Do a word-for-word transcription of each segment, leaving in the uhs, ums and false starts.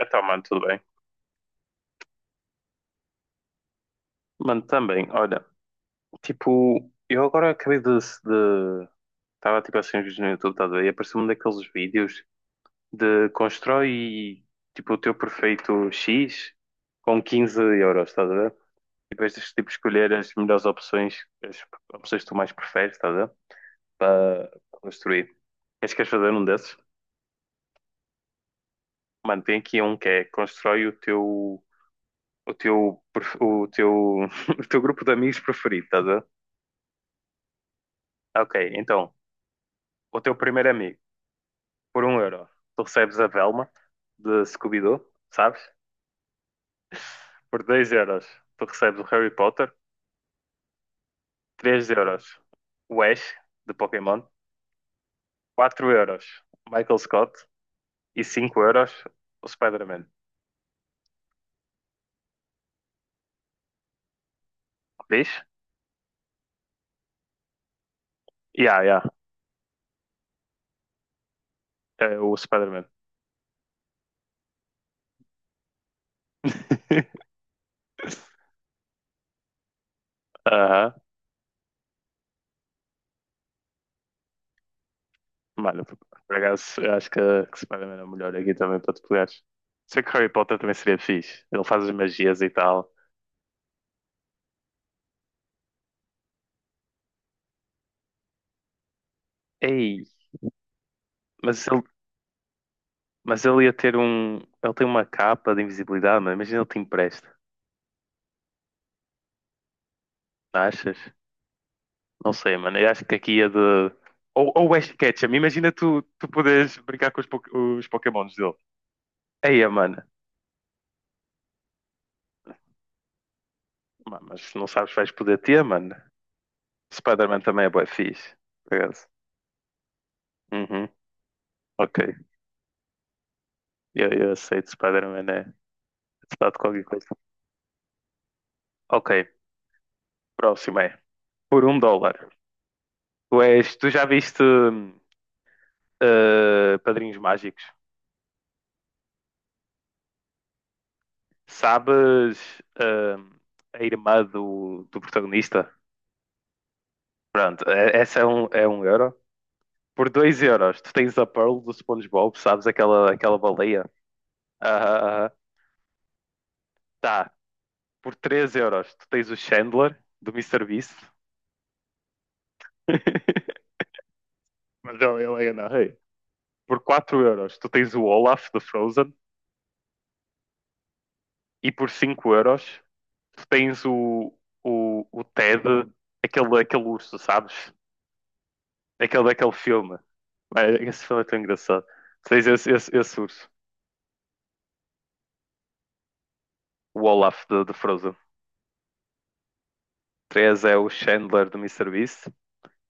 Então, mano, tudo bem. Mano, também, olha, tipo, eu agora acabei de... de... estava, tipo, assim, uns vídeos no YouTube, tá, a ver, e apareceu um daqueles vídeos de constrói, tipo, o teu perfeito X com quinze euros, estás a ver? E depois tens de, tipo, escolher as melhores opções, as opções que tu mais preferes, estás a ver? Para para construir. Acho que queres fazer um desses? Mano, tem aqui um que é constrói o teu... O teu, perf- o teu, o teu grupo de amigos preferido, estás a ver? Ok, então, o teu primeiro amigo, por um euro, tu recebes a Velma de Scooby-Doo, sabes? Por dois euros, tu recebes o Harry Potter. Três euros, o Ash de Pokémon. Quatro euros, Michael Scott. E cinco euros, o Spider-Man. Diz? Yeah, yeah, é o Spider-Man. Aham. Mano, por por acaso, eu acho que, que Spider-Man é o melhor aqui também para te pegares. Sei que Harry Potter também seria fixe. Ele faz as magias e tal. Ei, mas ele, mas ele ia ter um. Ele tem uma capa de invisibilidade, mano. Imagina ele te empresta. Não achas? Não sei, mano. Eu acho que aqui ia de. Ou, ou Ash Ketchum. Imagina tu, tu poderes brincar com os, po- os Pokémons dele. Aí, mano. Ma- Mas não sabes se vais poder ter, mano. Spider-Man também é bué fixe. Por acaso. Uhum. Ok. Eu, eu aceito. Spider-Man é. Se dá de qualquer coisa. Ok. Próximo é. Por um dólar. Tu és. Tu já viste. hum, eh, Padrinhos Mágicos? Sabes, ahm, a irmã do, do protagonista? Pronto, é- essa é um, é um euro. Por dois euros, tu tens a Pearl do SpongeBob, sabes aquela, aquela baleia? Aham, aham. Tá. Por três euros, tu tens o Chandler do Mister Beast. Mas ele, ele é na rei. Por quatro euros, tu tens o Olaf do Frozen. E por cinco euros, tu tens o, o, o Ted, aquele, aquele urso, sabes? Aquele daquele filme. Ah, esse filme é tão engraçado. Tens esse, esse, esse urso, o Olaf de, de Frozen. Três é o Chandler do MrBeast.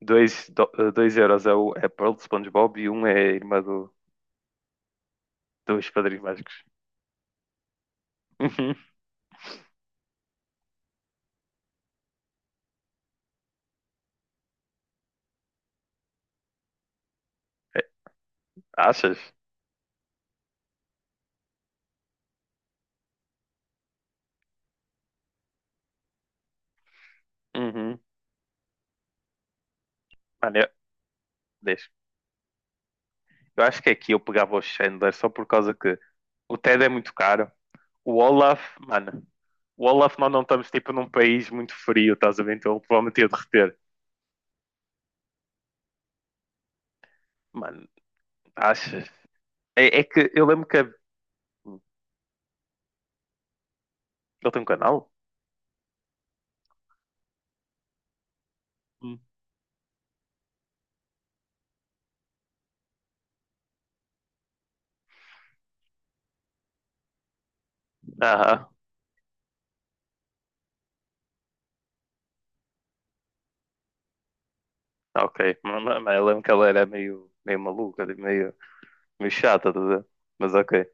2 dois euros é o é Pearl de SpongeBob e um é a irmã do, dos Padrinhos Mágicos. Uhum. Achas? Uhum. Mano, eu, deixa. Eu acho que aqui eu pegava o Chandler só por causa que o Ted é muito caro. O Olaf, mano, o Olaf nós não estamos tipo num país muito frio, estás a ver? Então ele provavelmente ia derreter. Mano, achas? É, é que eu lembro que ele tem um canal? Hum. Aham, ok. Mas, mas- mas eu lembro que ela era meio, meio maluca, tipo, meio, meio chata, tá a ver? Mas ok.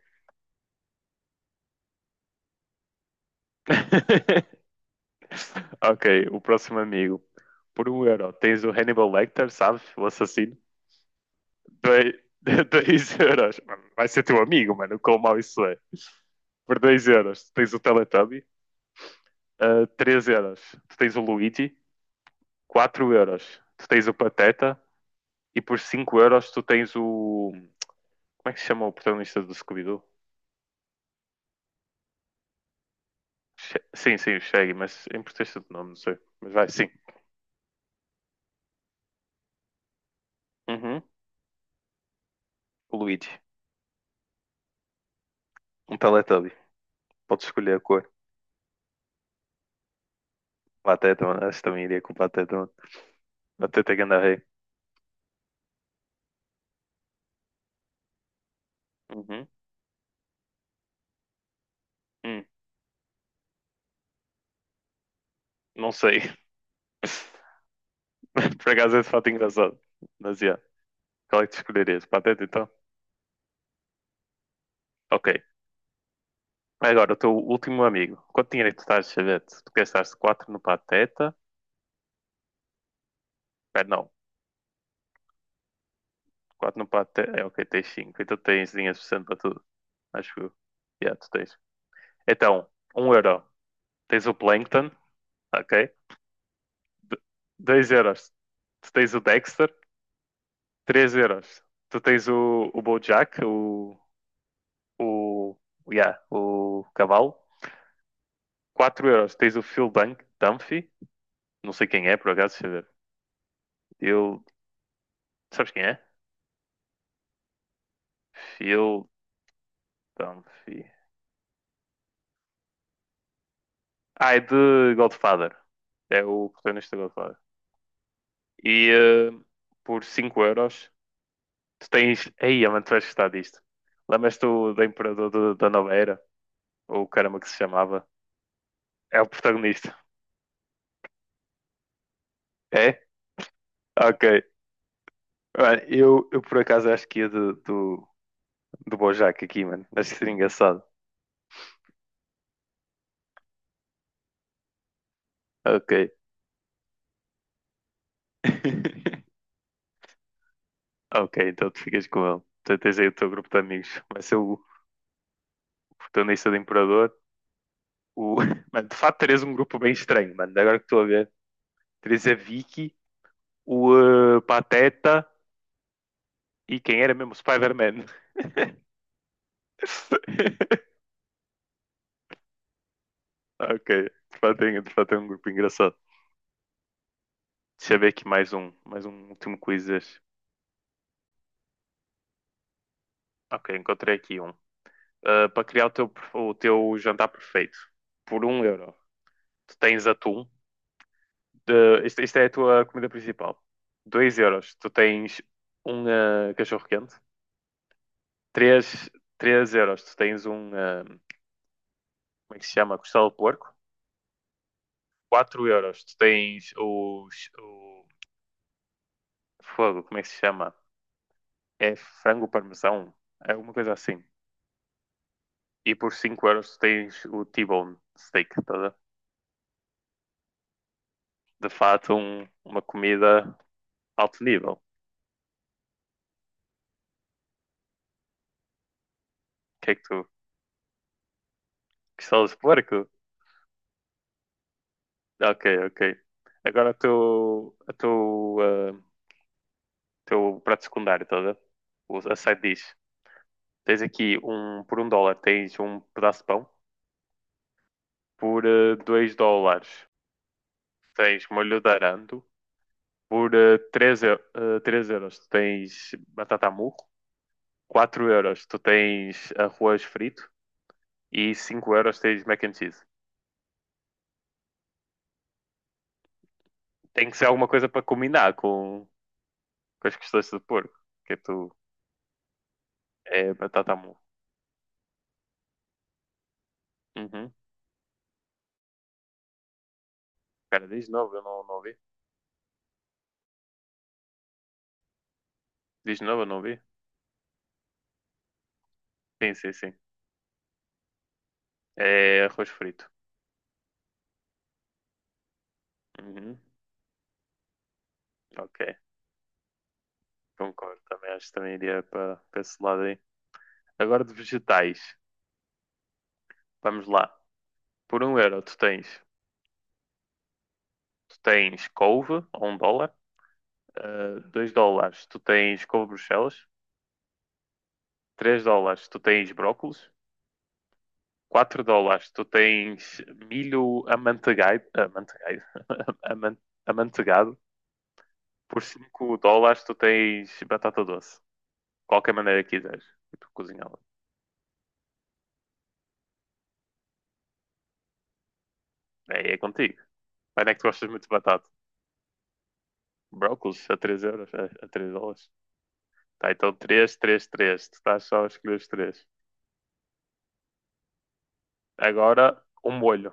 Ok, o próximo amigo. Por um euro, tens o Hannibal Lecter, sabes? O assassino. Dois Dois euros. Mano, vai ser teu amigo, mano. Quão mau isso é. Por dois euros, tens o Teletubby. Ah, três euros, tu tens o Luigi. Quatro euros, tu tens o Pateta. E por cinco euros, tu tens o... Como é que se chama o protagonista do Scooby-Doo? Che- Sim, sim, o Shaggy, mas em protesta de nome, não sei. Mas vai, sim. Uhum. O Luigi. Um Teletubby. Pode escolher a cor. Pateta, mano. Acho que também iria com Pateta, mano. Pateta que anda rei. Uhum. Hum, não sei. Por acaso esse fato é engraçado. Mas, yeah. Qual é que tu escolherias? Pateta, então? Ok. Agora, o teu último amigo. Quanto dinheiro é que tu estás de chavete? Tu gastaste quatro no Pateta? Pera, não. Quatro no Pateta. É, ok, tens cinco Então tens dinheiro suficiente para tudo. Acho que... Yeah, tu tens. Então, um euro Tens o Plankton, ok? D dois euros. Tu tens o Dexter, três euros. Tu tens o, o BoJack, o, o, yeah, o cavalo, quatro euros. Tens o Phil Dun Dunphy, não sei quem é, por acaso, deixa eu ver. Phil, sabes quem é? Phil Dunphy. Ah, é de Godfather. É o protagonista de Godfather. E eh, por cinco euros, tu tens... Ei, mano, tu vais gostar disto. Lembras-te do- do Imperador do- da Nova Era? Ou o caramba que se chamava, é o protagonista. É? Ok. Mano, eu, eu por acaso acho que ia do, do, do Bojack aqui, mano. Acho que seria engraçado. Ok. Ok, então tu ficas com ele. Tu tens aí o teu grupo de amigos. Vai ser o protagonista do Imperador. O... Mano, de facto, terias um grupo bem estranho, mano. Agora que estou a ver. Terias a Vicky, o eh, Pateta e quem era mesmo? O Spider-Man. Ok, de facto, é, de facto é um grupo engraçado. Deixa eu ver aqui mais um, mais um último quiz. Ok, encontrei aqui um. Ah, para criar o teu, perf- o teu jantar perfeito, por um euro, tu tens atum. De, isto, isto é a tua comida principal. Dois euros, tu tens um ah, cachorro-quente. Três, três euros, tu tens um... ah, como é que se chama? Costela de porco. Quatro euros, tu tens os... o, fogo, como é que se chama? É frango parmesão? É alguma coisa assim. E por cinco euros, tu tens o T-bone steak. Tá? A ver? De fato, um- uma comida alto nível. O que é que tu. Pistolas de porco? Ok, ok. Agora o teu, a teu, ah, teu prato secundário, toda. A ver? O- a side dish. Tens aqui um, por um dólar tens um pedaço de pão. Por ah, dois dólares tens molho de arando. Por ah, três, eu- ah, três euros tu tens batata murro. Quatro euros tu tens arroz frito. E cinco euros tens mac and cheese. Tem que ser alguma coisa para combinar com, com as questões de porco. Que é tu é batata mole. Uhum. Cara, diz de novo, eu não, não ouvi. Diz de novo, eu não ouvi. Sim, sim, sim. É arroz frito. Uhum. Ok, concordo. Também acho que também iria para para esse lado aí. Agora de vegetais. Vamos lá. Por um euro, tu tens, tu tens couve, ou um dólar. Uh, dois dólares, tu tens couve Bruxelas. Três dólares, tu tens brócolis. Quatro dólares, tu tens milho amanteigado. Amanteigado. aman- Amanteigado. Por cinco dólares tu tens batata doce. Qualquer maneira que quiseres. E tu cozinhá-la. É, é contigo. Mas não é que tu gostas muito de batata. Brócolis a três euros, a, a três dólares. Tá, então três três três Tu estás só a escolher os três. Agora, um molho.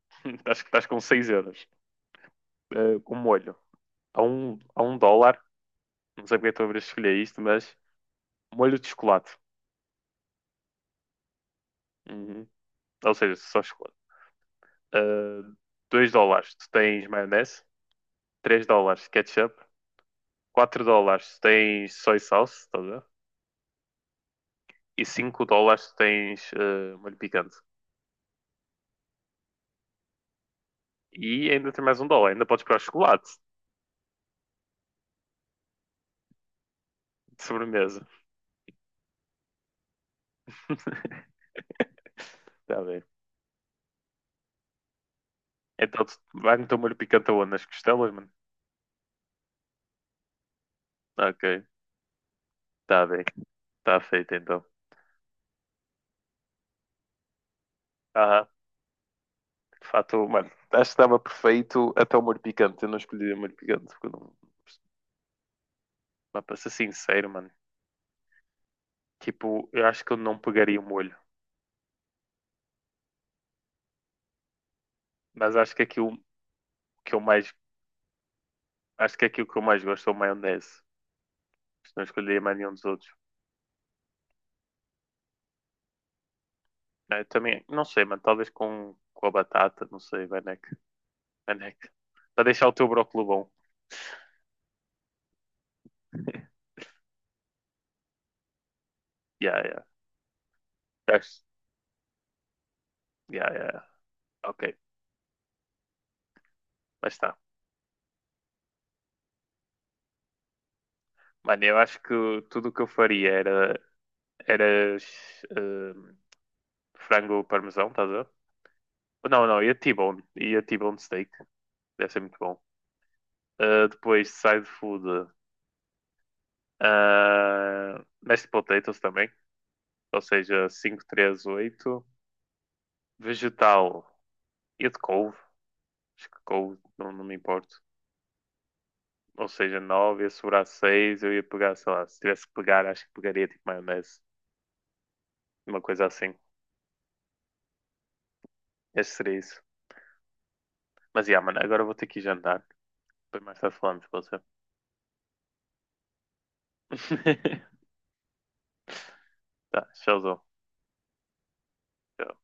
Estás, estás com seis euros. Eh, um molho. A um, a um dólar. Não sei porque estou a escolher isto, mas molho de chocolate. Uhum. Ou seja, só chocolate. Eh, dois dólares tu tens maionese, três dólares ketchup, quatro dólares se tens soy sauce, estás a ver? E cinco dólares se tens eh, molho picante. E ainda tem mais um dólar, ainda podes comprar chocolate de sobremesa. Está bem. Então, tu- vai no teu molho picante aonde? Nas costelas, mano? Ok, está bem. Está feito então. Aham. De fato, mano, acho que estava perfeito até o molho picante. Eu não escolhi o molho picante, porque eu não. Mas para ser sincero, mano, tipo, eu acho que eu não pegaria o molho. Mas acho que aquilo que eu mais. Acho que aquilo que eu mais gosto é o maionese. Se não escolheria mais nenhum dos outros. Ah, eu também, não sei, mano. Talvez com, com a batata, não sei, Vanek. Vanek. Para deixar o teu brócolo bom. Yeah, yeah. Acho- Yeah, yeah. Yeah. Ok, mas está. Mano, eu acho que tudo o que eu faria era, era ehm, frango parmesão, estás a ver? Não, não, ia T-bone. Ia T-bone steak. Deve ser muito bom. Ah, depois, side food. Ah, mashed potatoes também. Ou seja, cinco três oito vegetal. Ia de couve. Acho que com, não, não me importo. Ou seja, nove ia sobrar seis eu ia pegar, sei lá, se tivesse que pegar, acho que pegaria tipo maionese, uma coisa assim. Este seria isso. Mas yeah, mano, agora eu vou ter que ir jantar. Depois mais tarde falamos, pode você Tá, tchauzão. Tchau.